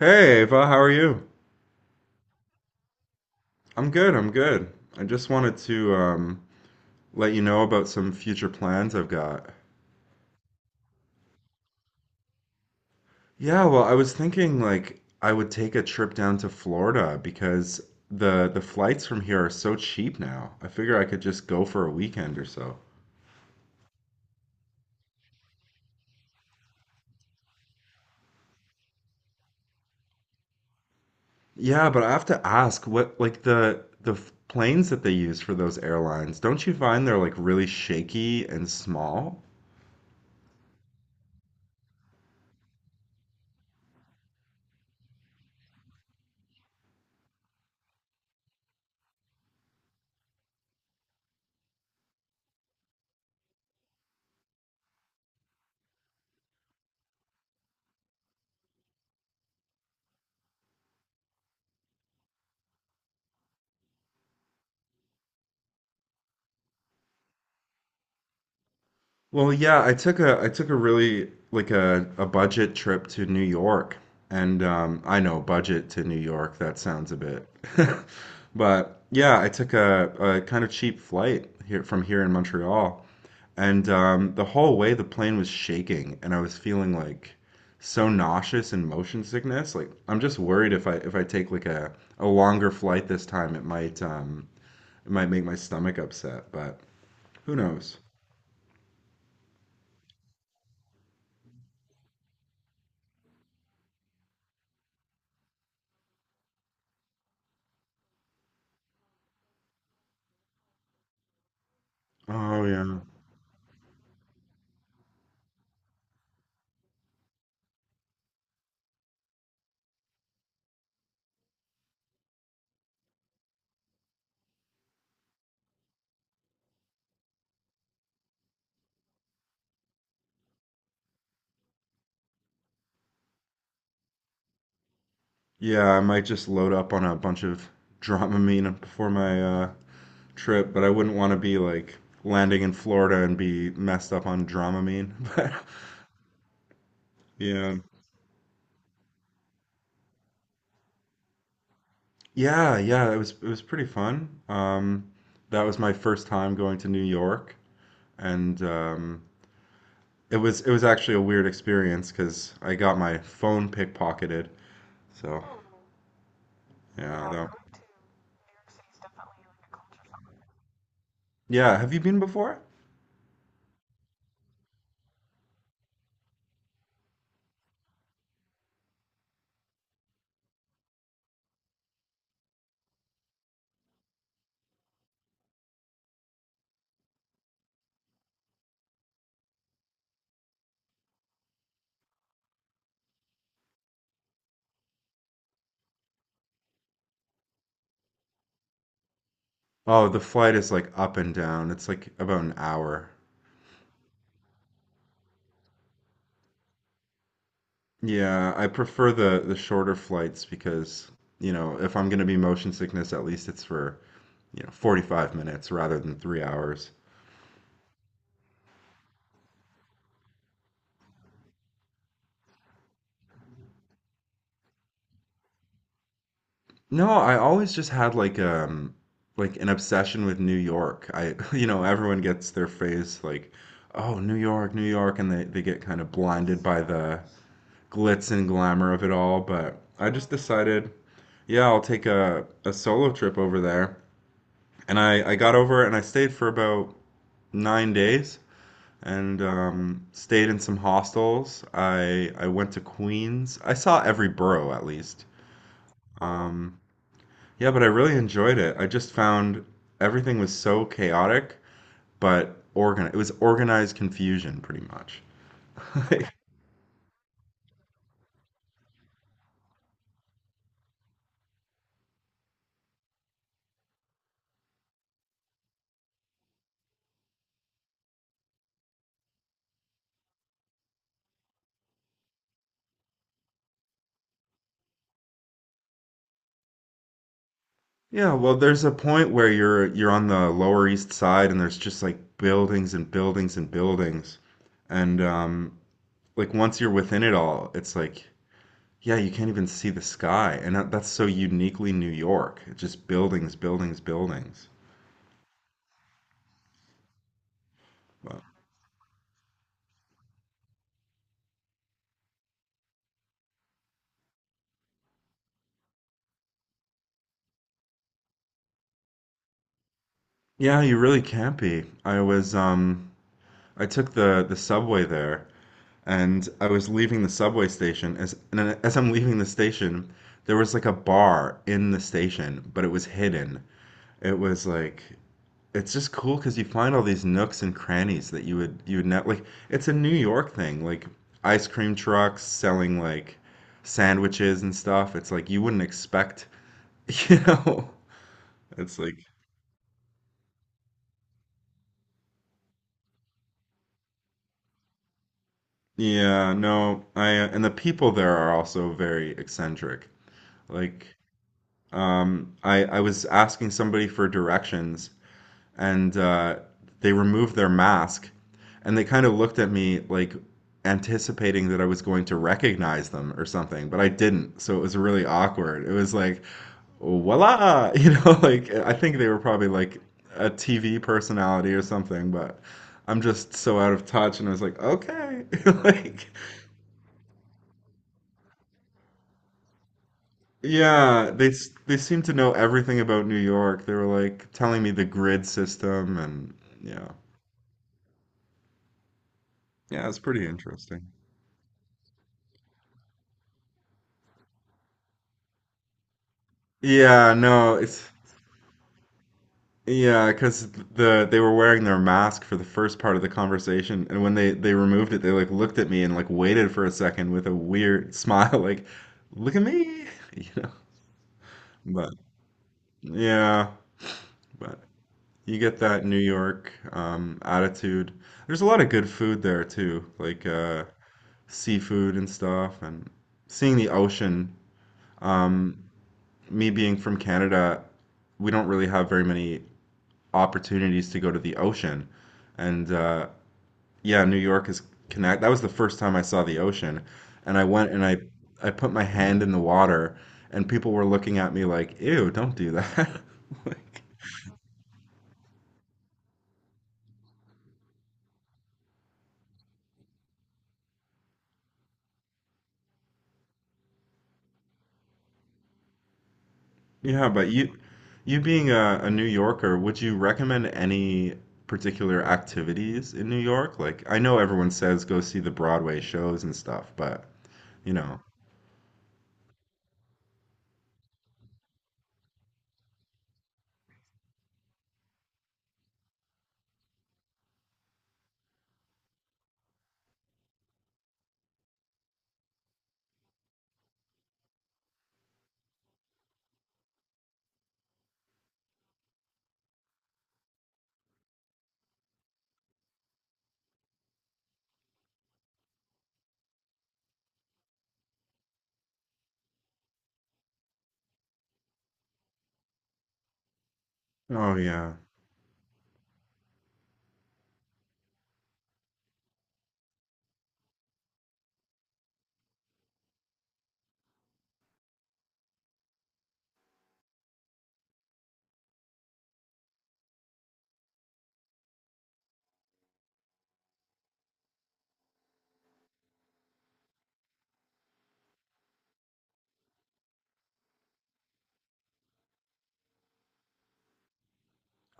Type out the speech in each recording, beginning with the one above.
Hey, Ava, how are you? I'm good, I just wanted to let you know about some future plans I've got. Yeah, well, I was thinking like I would take a trip down to Florida because the flights from here are so cheap now. I figure I could just go for a weekend or so. Yeah, but I have to ask what like the planes that they use for those airlines, don't you find they're like really shaky and small? Well, yeah, I took a really like a budget trip to New York. And I know budget to New York, that sounds a bit. But yeah, I took a kind of cheap flight here from here in Montreal. And the whole way the plane was shaking and I was feeling like so nauseous and motion sickness. Like I'm just worried if I take like a longer flight this time, it might make my stomach upset, but who knows? Oh yeah. Yeah, I might just load up on a bunch of Dramamine before my trip, but I wouldn't want to be like landing in Florida and be messed up on Dramamine. But yeah, yeah, yeah. It was pretty fun. That was my first time going to New York, and it was actually a weird experience because I got my phone pickpocketed. So yeah, yeah. Have you been before? Oh, the flight is like up and down. It's like about an hour. Yeah, I prefer the shorter flights because, you know, if I'm going to be motion sickness, at least it's for, 45 minutes rather than 3 hours. No, I always just had like an obsession with New York. I, you know, everyone gets their phase like, oh, New York, New York, and they get kind of blinded by the glitz and glamour of it all, but I just decided, yeah, I'll take a solo trip over there. And I got over and I stayed for about nine days. And stayed in some hostels. I went to Queens. I saw every borough at least. Um, yeah, but I really enjoyed it. I just found everything was so chaotic, but organ it was organized confusion pretty much. Yeah, well, there's a point where you're on the Lower East Side and there's just like buildings and buildings and buildings. And like once you're within it all, it's like yeah, you can't even see the sky, and that's so uniquely New York. It's just buildings, buildings, buildings. But yeah, you really can't be. I was I took the subway there, and I was leaving the subway station as I'm leaving the station, there was like a bar in the station, but it was hidden. It was like it's just cool because you find all these nooks and crannies that you would not like. It's a New York thing, like ice cream trucks selling like sandwiches and stuff. It's like you wouldn't expect, you know. It's like yeah, no, I and the people there are also very eccentric. Like I was asking somebody for directions and they removed their mask and they kind of looked at me like anticipating that I was going to recognize them or something, but I didn't. So it was really awkward. It was like, voila, you know, like I think they were probably like a TV personality or something, but I'm just so out of touch. And I was like, okay, like, yeah, they seem to know everything about New York. They were like telling me the grid system and yeah, yeah, it's pretty interesting. Yeah, no, it's yeah, cause they were wearing their mask for the first part of the conversation, and when they removed it, they like looked at me and like waited for a second with a weird smile, like, "Look at me," you know. But yeah, but you get that New York attitude. There's a lot of good food there too, like seafood and stuff, and seeing the ocean. Um, me being from Canada, we don't really have very many opportunities to go to the ocean. And yeah, New York is connect. That was the first time I saw the ocean, and I went and I put my hand in the water, and people were looking at me like, "Ew, don't do that." Like, yeah, but you being a New Yorker, would you recommend any particular activities in New York? Like, I know everyone says go see the Broadway shows and stuff, but you know. Oh yeah.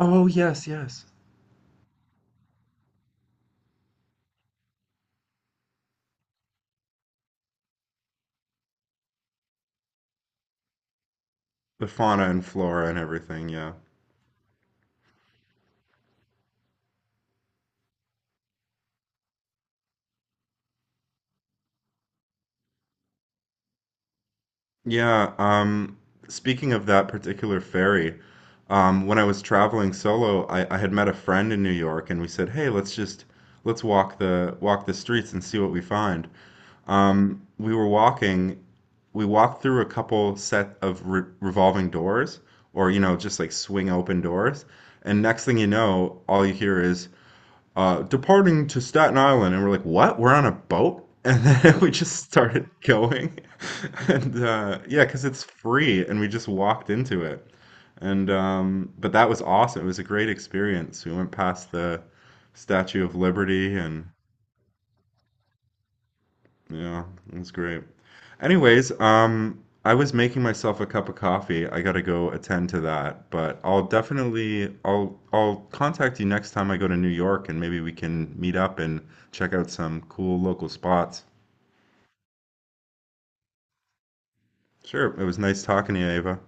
Oh yes, yes. The fauna and flora and everything, yeah. Yeah, speaking of that particular ferry, when I was traveling solo, I had met a friend in New York, and we said, "Hey, let's walk the streets and see what we find." Um, we were walking, we walked through a couple set of re revolving doors, or you know, just like swing open doors, and next thing you know, all you hear is departing to Staten Island, and we're like, what? We're on a boat? And then we just started going, and yeah, because it's free, and we just walked into it. And but that was awesome. It was a great experience. We went past the Statue of Liberty and yeah, that's great. Anyways, I was making myself a cup of coffee. I gotta go attend to that, but I'll contact you next time I go to New York and maybe we can meet up and check out some cool local spots. Sure, it was nice talking to you, Ava.